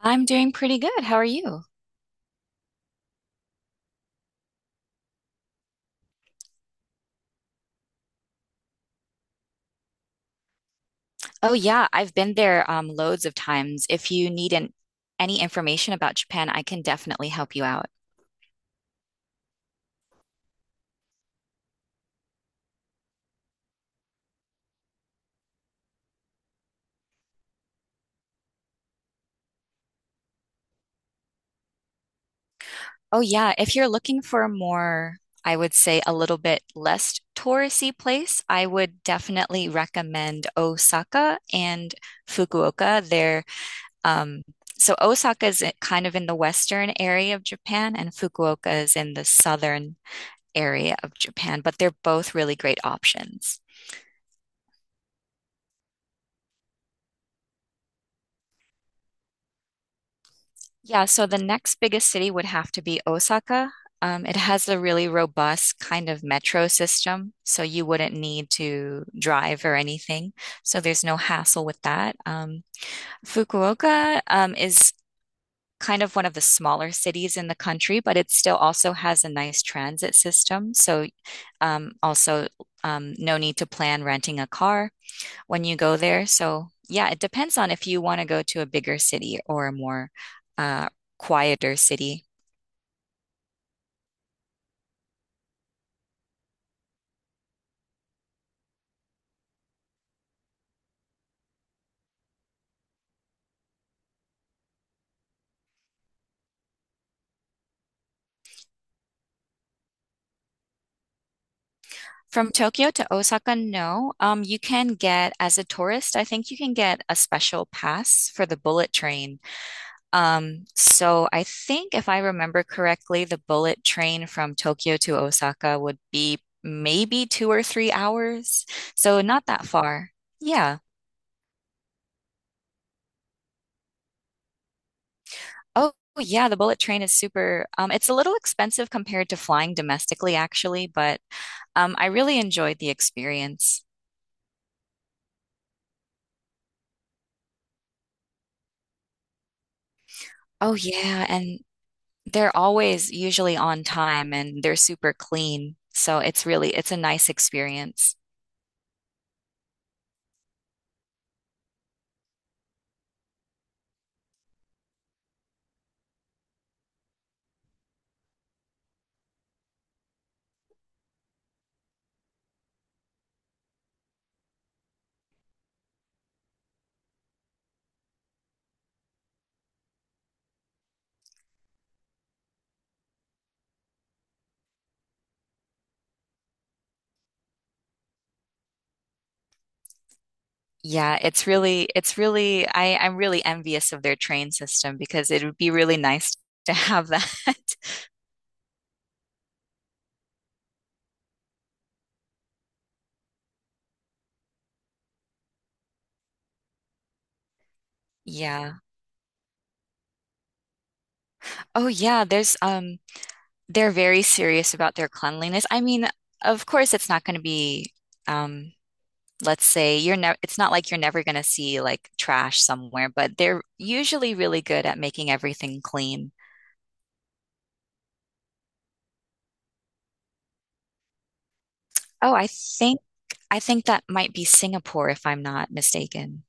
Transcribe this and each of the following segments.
I'm doing pretty good. How are you? Oh yeah, I've been there loads of times. If you need an, Any information about Japan, I can definitely help you out. Oh yeah, if you're looking for I would say a little bit less touristy place, I would definitely recommend Osaka and Fukuoka. They're um, so Osaka is kind of in the western area of Japan, and Fukuoka is in the southern area of Japan, but they're both really great options. Yeah, so the next biggest city would have to be Osaka. It has a really robust kind of metro system, so you wouldn't need to drive or anything. So there's no hassle with that. Fukuoka, is kind of one of the smaller cities in the country, but it still also has a nice transit system. So also no need to plan renting a car when you go there. So, yeah, it depends on if you want to go to a bigger city or a more uh, quieter city. From Tokyo to Osaka, no. You can get, as a tourist, I think you can get a special pass for the bullet train. So I think if I remember correctly, the bullet train from Tokyo to Osaka would be maybe 2 or 3 hours. So not that far. Yeah. Oh, yeah, the bullet train is super. It's a little expensive compared to flying domestically, actually, but I really enjoyed the experience. Oh, yeah, and they're always usually on time and they're super clean. So it's a nice experience. Yeah, I'm really envious of their train system because it would be really nice to have that. Yeah. Oh, yeah, there's they're very serious about their cleanliness. I mean, of course, it's not going to be, um, let's say you're never, it's not like you're never going to see like trash somewhere, but they're usually really good at making everything clean. Oh, I think that might be Singapore if I'm not mistaken.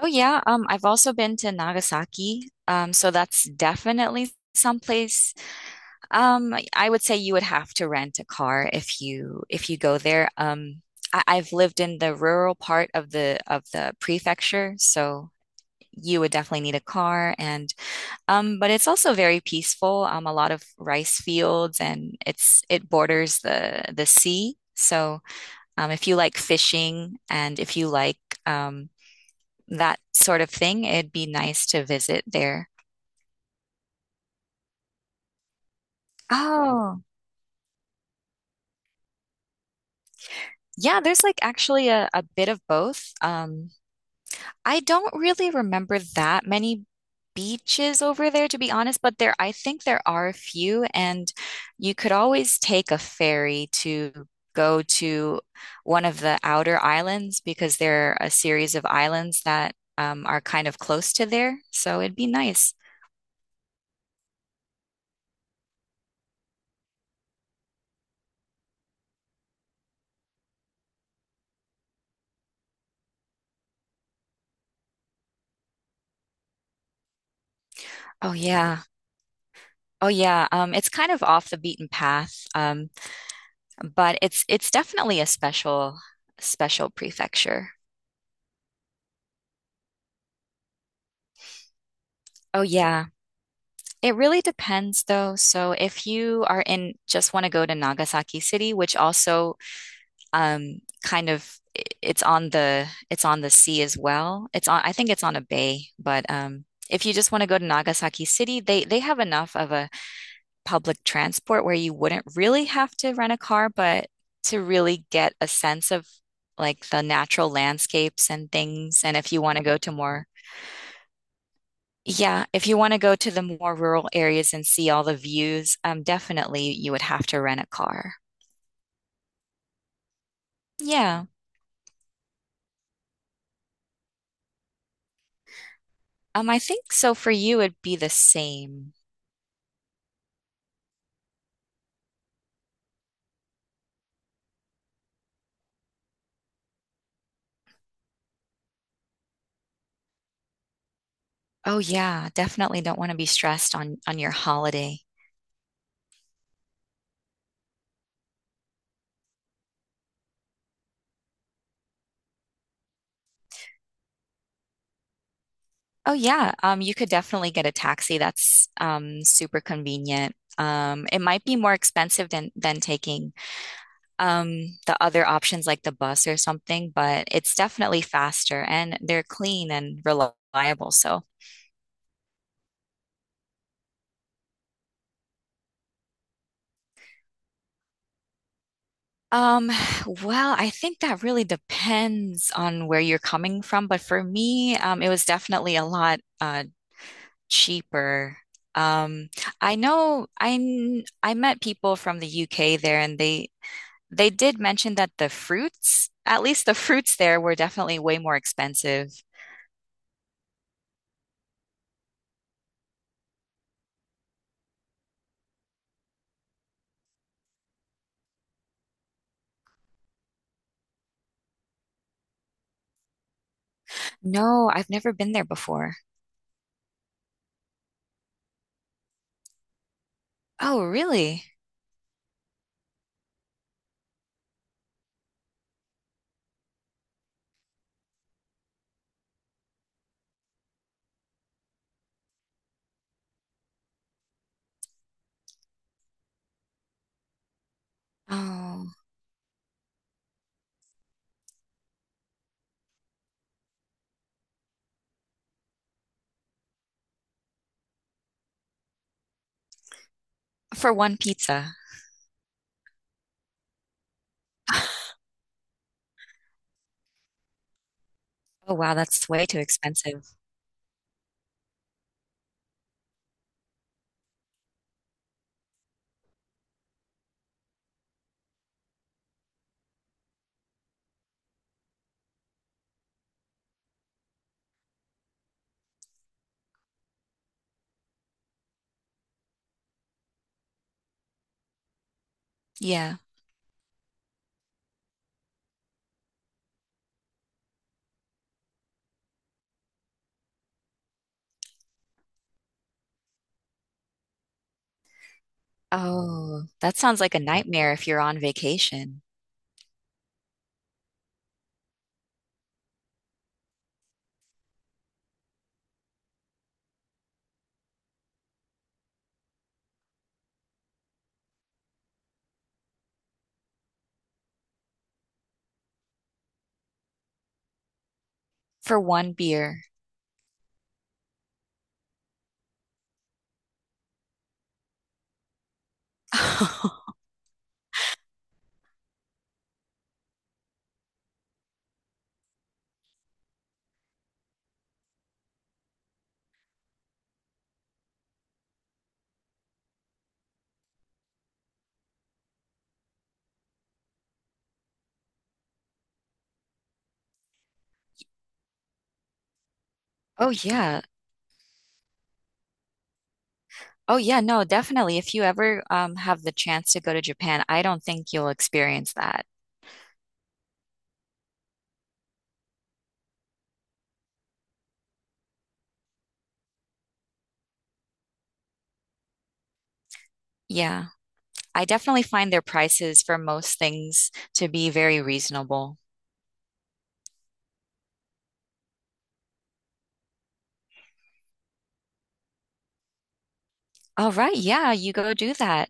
Oh yeah, I've also been to Nagasaki, so that's definitely someplace. I would say you would have to rent a car if you go there. Um, I've lived in the rural part of the prefecture, so you would definitely need a car and but it's also very peaceful. A lot of rice fields and it borders the sea. So if you like fishing and if you like um, that sort of thing, it'd be nice to visit there. Oh, yeah, there's like actually a bit of both. I don't really remember that many beaches over there, to be honest, but I think there are a few, and you could always take a ferry to go to one of the outer islands because there are a series of islands that are kind of close to there. So it'd be nice. Oh yeah. Oh yeah. It's kind of off the beaten path, but it's definitely a special prefecture. Oh yeah. It really depends though. So if you are in just want to go to Nagasaki City, which also kind of it's on the sea as well. It's on I think it's on a bay, but if you just want to go to Nagasaki City, they have enough of a public transport where you wouldn't really have to rent a car, but to really get a sense of like the natural landscapes and things and if you want to go to more. Yeah, if you want to go to the more rural areas and see all the views, definitely you would have to rent a car. Yeah. I think so for you it'd be the same. Oh yeah, definitely don't want to be stressed on your holiday. Oh yeah, you could definitely get a taxi. That's super convenient. It might be more expensive than taking the other options like the bus or something, but it's definitely faster and they're clean and reliable. So. Um, well, I think that really depends on where you're coming from, but for me, it was definitely a lot cheaper. Um, I know I kn- I met people from the UK there and they did mention that the fruits, at least the fruits there were definitely way more expensive. No, I've never been there before. Oh, really? Oh, for one pizza. Oh, wow, that's way too expensive. Yeah. Oh, that sounds like a nightmare if you're on vacation for one beer. Oh yeah. Oh yeah, no, definitely. If you ever have the chance to go to Japan, I don't think you'll experience that. Yeah. I definitely find their prices for most things to be very reasonable. All right, yeah, you go do that.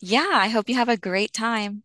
Yeah, I hope you have a great time.